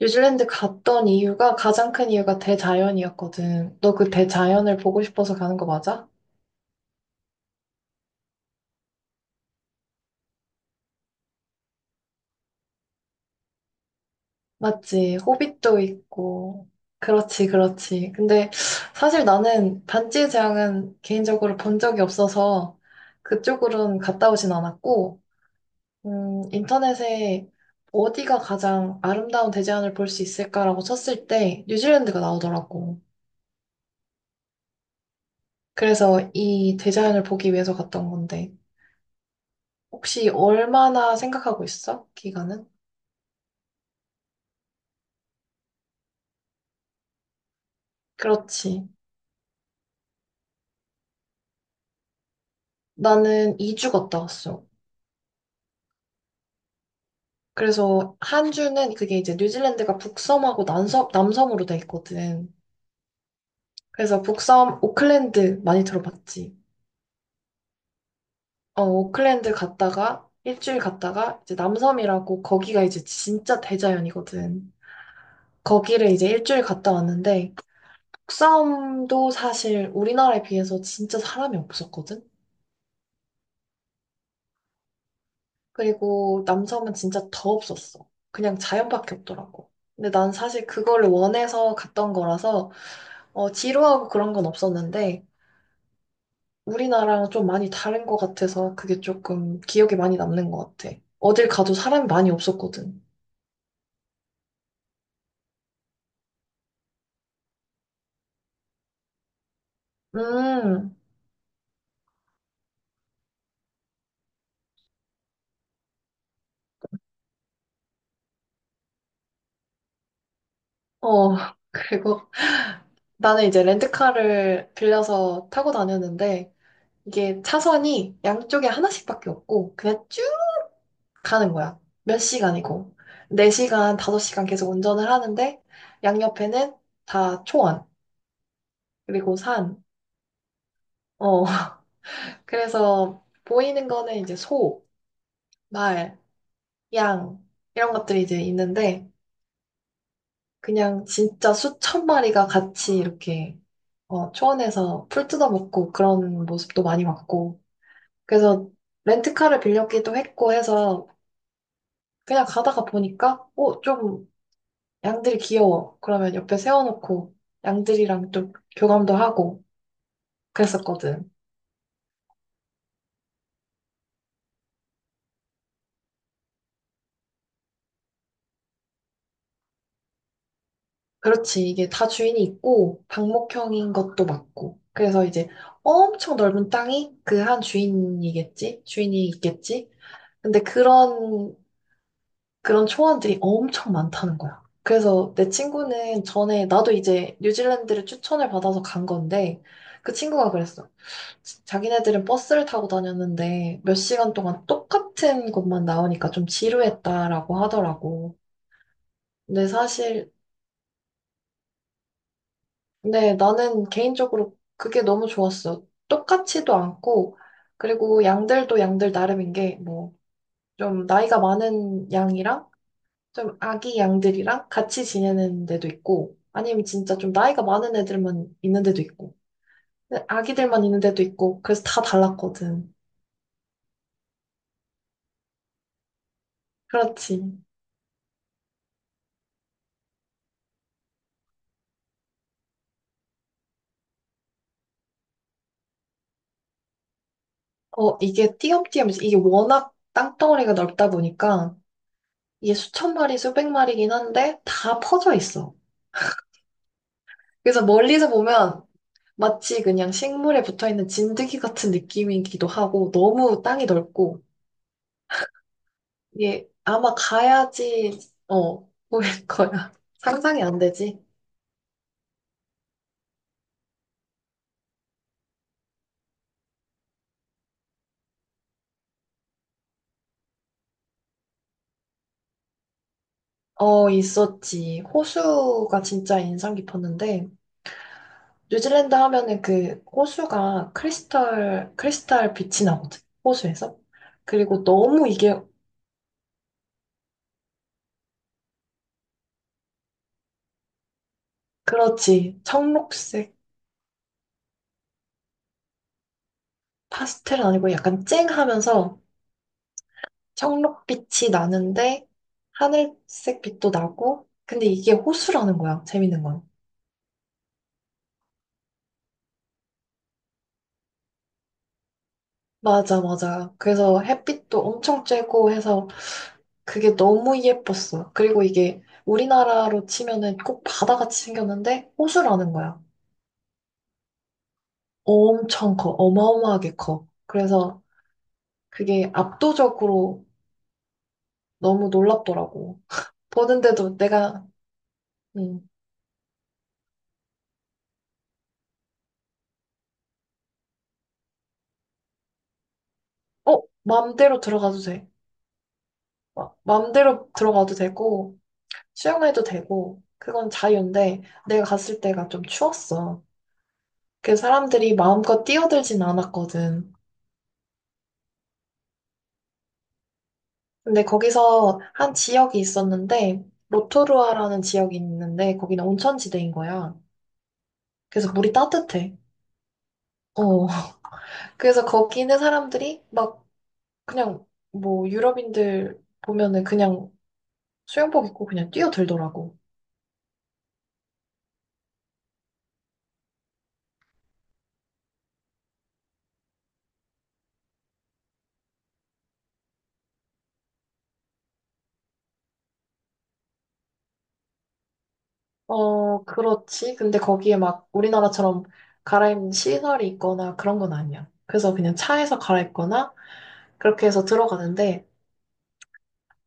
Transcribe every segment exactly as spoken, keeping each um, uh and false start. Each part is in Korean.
뉴질랜드 갔던 이유가 가장 큰 이유가 대자연이었거든. 너 그 대자연을 보고 싶어서 가는 거 맞아? 맞지. 호빗도 있고. 그렇지, 그렇지. 근데 사실 나는 반지의 제왕은 개인적으로 본 적이 없어서 그쪽으로는 갔다 오진 않았고, 음, 인터넷에 어디가 가장 아름다운 대자연을 볼 수 있을까라고 쳤을 때 뉴질랜드가 나오더라고. 그래서 이 대자연을 보기 위해서 갔던 건데. 혹시 얼마나 생각하고 있어? 기간은? 그렇지. 나는 이 주 갔다 왔어. 그래서 한 주는 그게 이제 뉴질랜드가 북섬하고 남섬, 남섬으로 돼 있거든. 그래서 북섬 오클랜드 많이 들어봤지? 어, 오클랜드 갔다가 일주일 갔다가 이제 남섬이라고 거기가 이제 진짜 대자연이거든. 거기를 이제 일주일 갔다 왔는데 북섬도 사실 우리나라에 비해서 진짜 사람이 없었거든? 그리고 남섬은 진짜 더 없었어. 그냥 자연밖에 없더라고. 근데 난 사실 그거를 원해서 갔던 거라서 어, 지루하고 그런 건 없었는데 우리나라랑 좀 많이 다른 것 같아서 그게 조금 기억에 많이 남는 것 같아. 어딜 가도 사람이 많이 없었거든. 음, 어, 그리고 나는 이제 렌트카를 빌려서 타고 다녔는데 이게 차선이 양쪽에 하나씩밖에 없고 그냥 쭉 가는 거야. 몇 시간이고. 네 시간, 다섯 시간 계속 운전을 하는데, 양옆에는 다 초원, 그리고 산. 어, 그래서 보이는 거는 이제 소, 말, 양, 이런 것들이 이제 있는데, 그냥 진짜 수천 마리가 같이 이렇게, 어, 초원에서 풀 뜯어먹고 그런 모습도 많이 봤고. 그래서 렌트카를 빌렸기도 했고 해서, 그냥 가다가 보니까, 어, 좀 양들이 귀여워. 그러면 옆에 세워놓고 양들이랑 좀 교감도 하고 그랬었거든. 그렇지. 이게 다 주인이 있고 방목형인 것도 맞고. 그래서 이제 엄청 넓은 땅이 그 한 주인이겠지? 주인이 있겠지? 근데 그런, 그런 초원들이 엄청 많다는 거야. 그래서 내 친구는 전에 나도 이제 뉴질랜드를 추천을 받아서 간 건데 그 친구가 그랬어. 자기네들은 버스를 타고 다녔는데 몇 시간 동안 똑같은 것만 나오니까 좀 지루했다라고 하더라고. 근데 사실, 근데 나는 개인적으로 그게 너무 좋았어. 똑같지도 않고, 그리고 양들도 양들 나름인 게, 뭐, 좀 나이가 많은 양이랑 좀 아기 양들이랑 같이 지내는 데도 있고, 아니면 진짜 좀 나이가 많은 애들만 있는 데도 있고, 근데 아기들만 있는 데도 있고, 그래서 다 달랐거든. 그렇지. 어, 이게 띄엄띄엄, 이제 이게 워낙 땅덩어리가 넓다 보니까 이게 수천 마리, 수백 마리긴 한데 다 퍼져 있어. 그래서 멀리서 보면 마치 그냥 식물에 붙어 있는 진드기 같은 느낌이기도 하고 너무 땅이 넓고 이게 아마 가야지, 어, 보일 거야. 상상이 안 되지? 어, 있었지. 호수가 진짜 인상 깊었는데 뉴질랜드 하면은 그 호수가 크리스탈, 크리스탈 빛이 나거든, 호수에서. 그리고 너무 이게, 그렇지. 청록색, 파스텔은 아니고 약간 쨍하면서 청록빛이 나는데 하늘색 빛도 나고, 근데 이게 호수라는 거야, 재밌는 건. 맞아, 맞아. 그래서 햇빛도 엄청 쬐고 해서 그게 너무 예뻤어. 그리고 이게 우리나라로 치면은 꼭 바다같이 생겼는데 호수라는 거야. 엄청 커. 어마어마하게 커. 그래서 그게 압도적으로 너무 놀랍더라고. 보는데도 내가, 음, 어? 마음대로 들어가도 돼. 마- 마음대로 들어가도 되고, 수영해도 되고, 그건 자유인데, 내가 갔을 때가 좀 추웠어. 그 사람들이 마음껏 뛰어들진 않았거든. 근데 거기서 한 지역이 있었는데, 로토루아라는 지역이 있는데, 거기는 온천지대인 거야. 그래서 물이 따뜻해. 어. 그래서 거기 있는 사람들이 막 그냥 뭐 유럽인들 보면은 그냥 수영복 입고 그냥 뛰어들더라고. 어, 그렇지. 근데 거기에 막 우리나라처럼 갈아입는 시설이 있거나 그런 건 아니야. 그래서 그냥 차에서 갈아입거나 그렇게 해서 들어가는데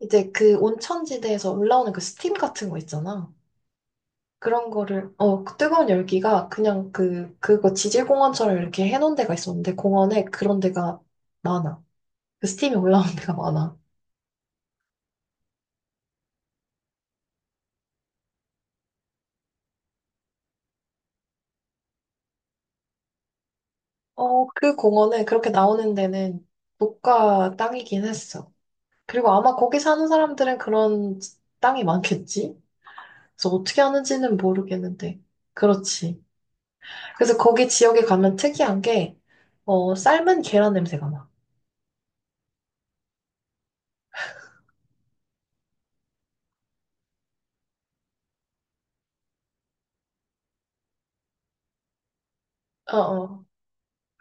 이제 그 온천지대에서 올라오는 그 스팀 같은 거 있잖아. 그런 거를 어, 그 뜨거운 열기가 그냥 그 그거 지질공원처럼 이렇게 해놓은 데가 있었는데 공원에 그런 데가 많아. 그 스팀이 올라오는 데가 많아. 어, 그 공원은 그렇게 나오는 데는 국가 땅이긴 했어. 그리고 아마 거기 사는 사람들은 그런 땅이 많겠지? 그래서 어떻게 하는지는 모르겠는데. 그렇지. 그래서 거기 지역에 가면 특이한 게, 어, 삶은 계란 냄새가 나. 어, 어.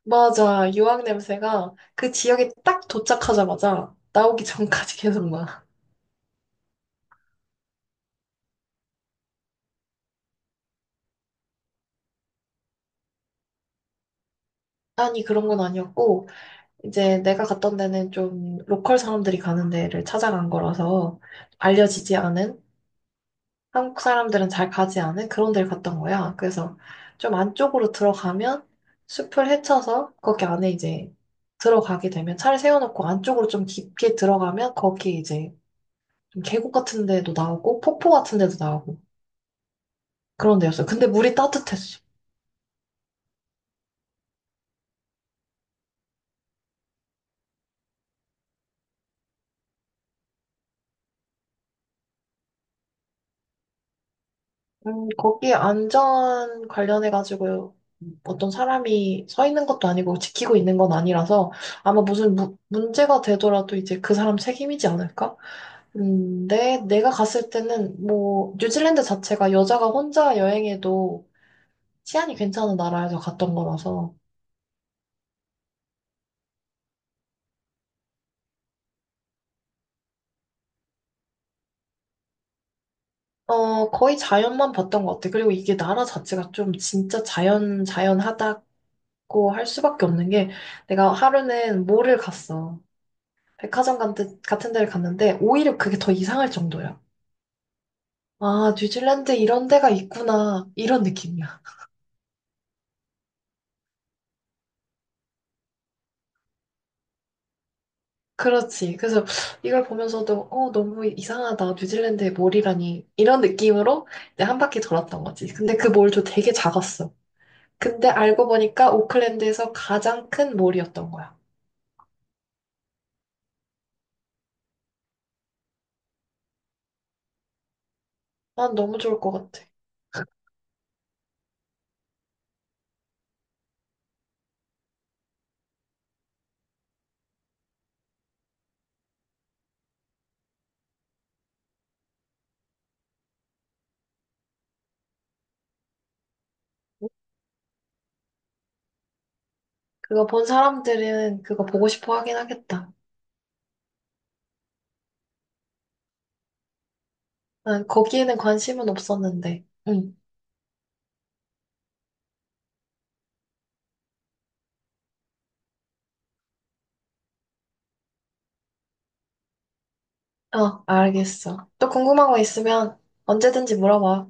맞아. 유황 냄새가 그 지역에 딱 도착하자마자 나오기 전까지 계속 나. 아니, 그런 건 아니었고, 이제 내가 갔던 데는 좀 로컬 사람들이 가는 데를 찾아간 거라서 알려지지 않은 한국 사람들은 잘 가지 않은 그런 데를 갔던 거야. 그래서 좀 안쪽으로 들어가면 숲을 헤쳐서 거기 안에 이제 들어가게 되면 차를 세워놓고 안쪽으로 좀 깊게 들어가면 거기 이제 좀 계곡 같은 데도 나오고 폭포 같은 데도 나오고 그런 데였어. 요 근데 물이 따뜻했어. 음, 거기 안전 관련해가지고 어떤 사람이 서 있는 것도 아니고 지키고 있는 건 아니라서 아마 무슨 무- 문제가 되더라도 이제 그 사람 책임이지 않을까? 근데 내가 갔을 때는 뭐 뉴질랜드 자체가 여자가 혼자 여행해도 치안이 괜찮은 나라에서 갔던 거라서 어 거의 자연만 봤던 것 같아. 그리고 이게 나라 자체가 좀 진짜 자연 자연하다고 할 수밖에 없는 게 내가 하루는 몰을 갔어. 백화점 같은 같은 데를 갔는데 오히려 그게 더 이상할 정도야. 아, 뉴질랜드 이런 데가 있구나. 이런 느낌이야. 그렇지. 그래서 이걸 보면서도 어 너무 이상하다. 뉴질랜드의 몰이라니 이런 느낌으로 이제 한 바퀴 돌았던 거지. 근데 그 몰도 되게 작았어. 근데 알고 보니까 오클랜드에서 가장 큰 몰이었던 거야. 난 너무 좋을 것 같아. 그거 본 사람들은 그거 보고 싶어 하긴 하겠다. 난 거기에는 관심은 없었는데. 응. 어, 알겠어. 또 궁금한 거 있으면 언제든지 물어봐.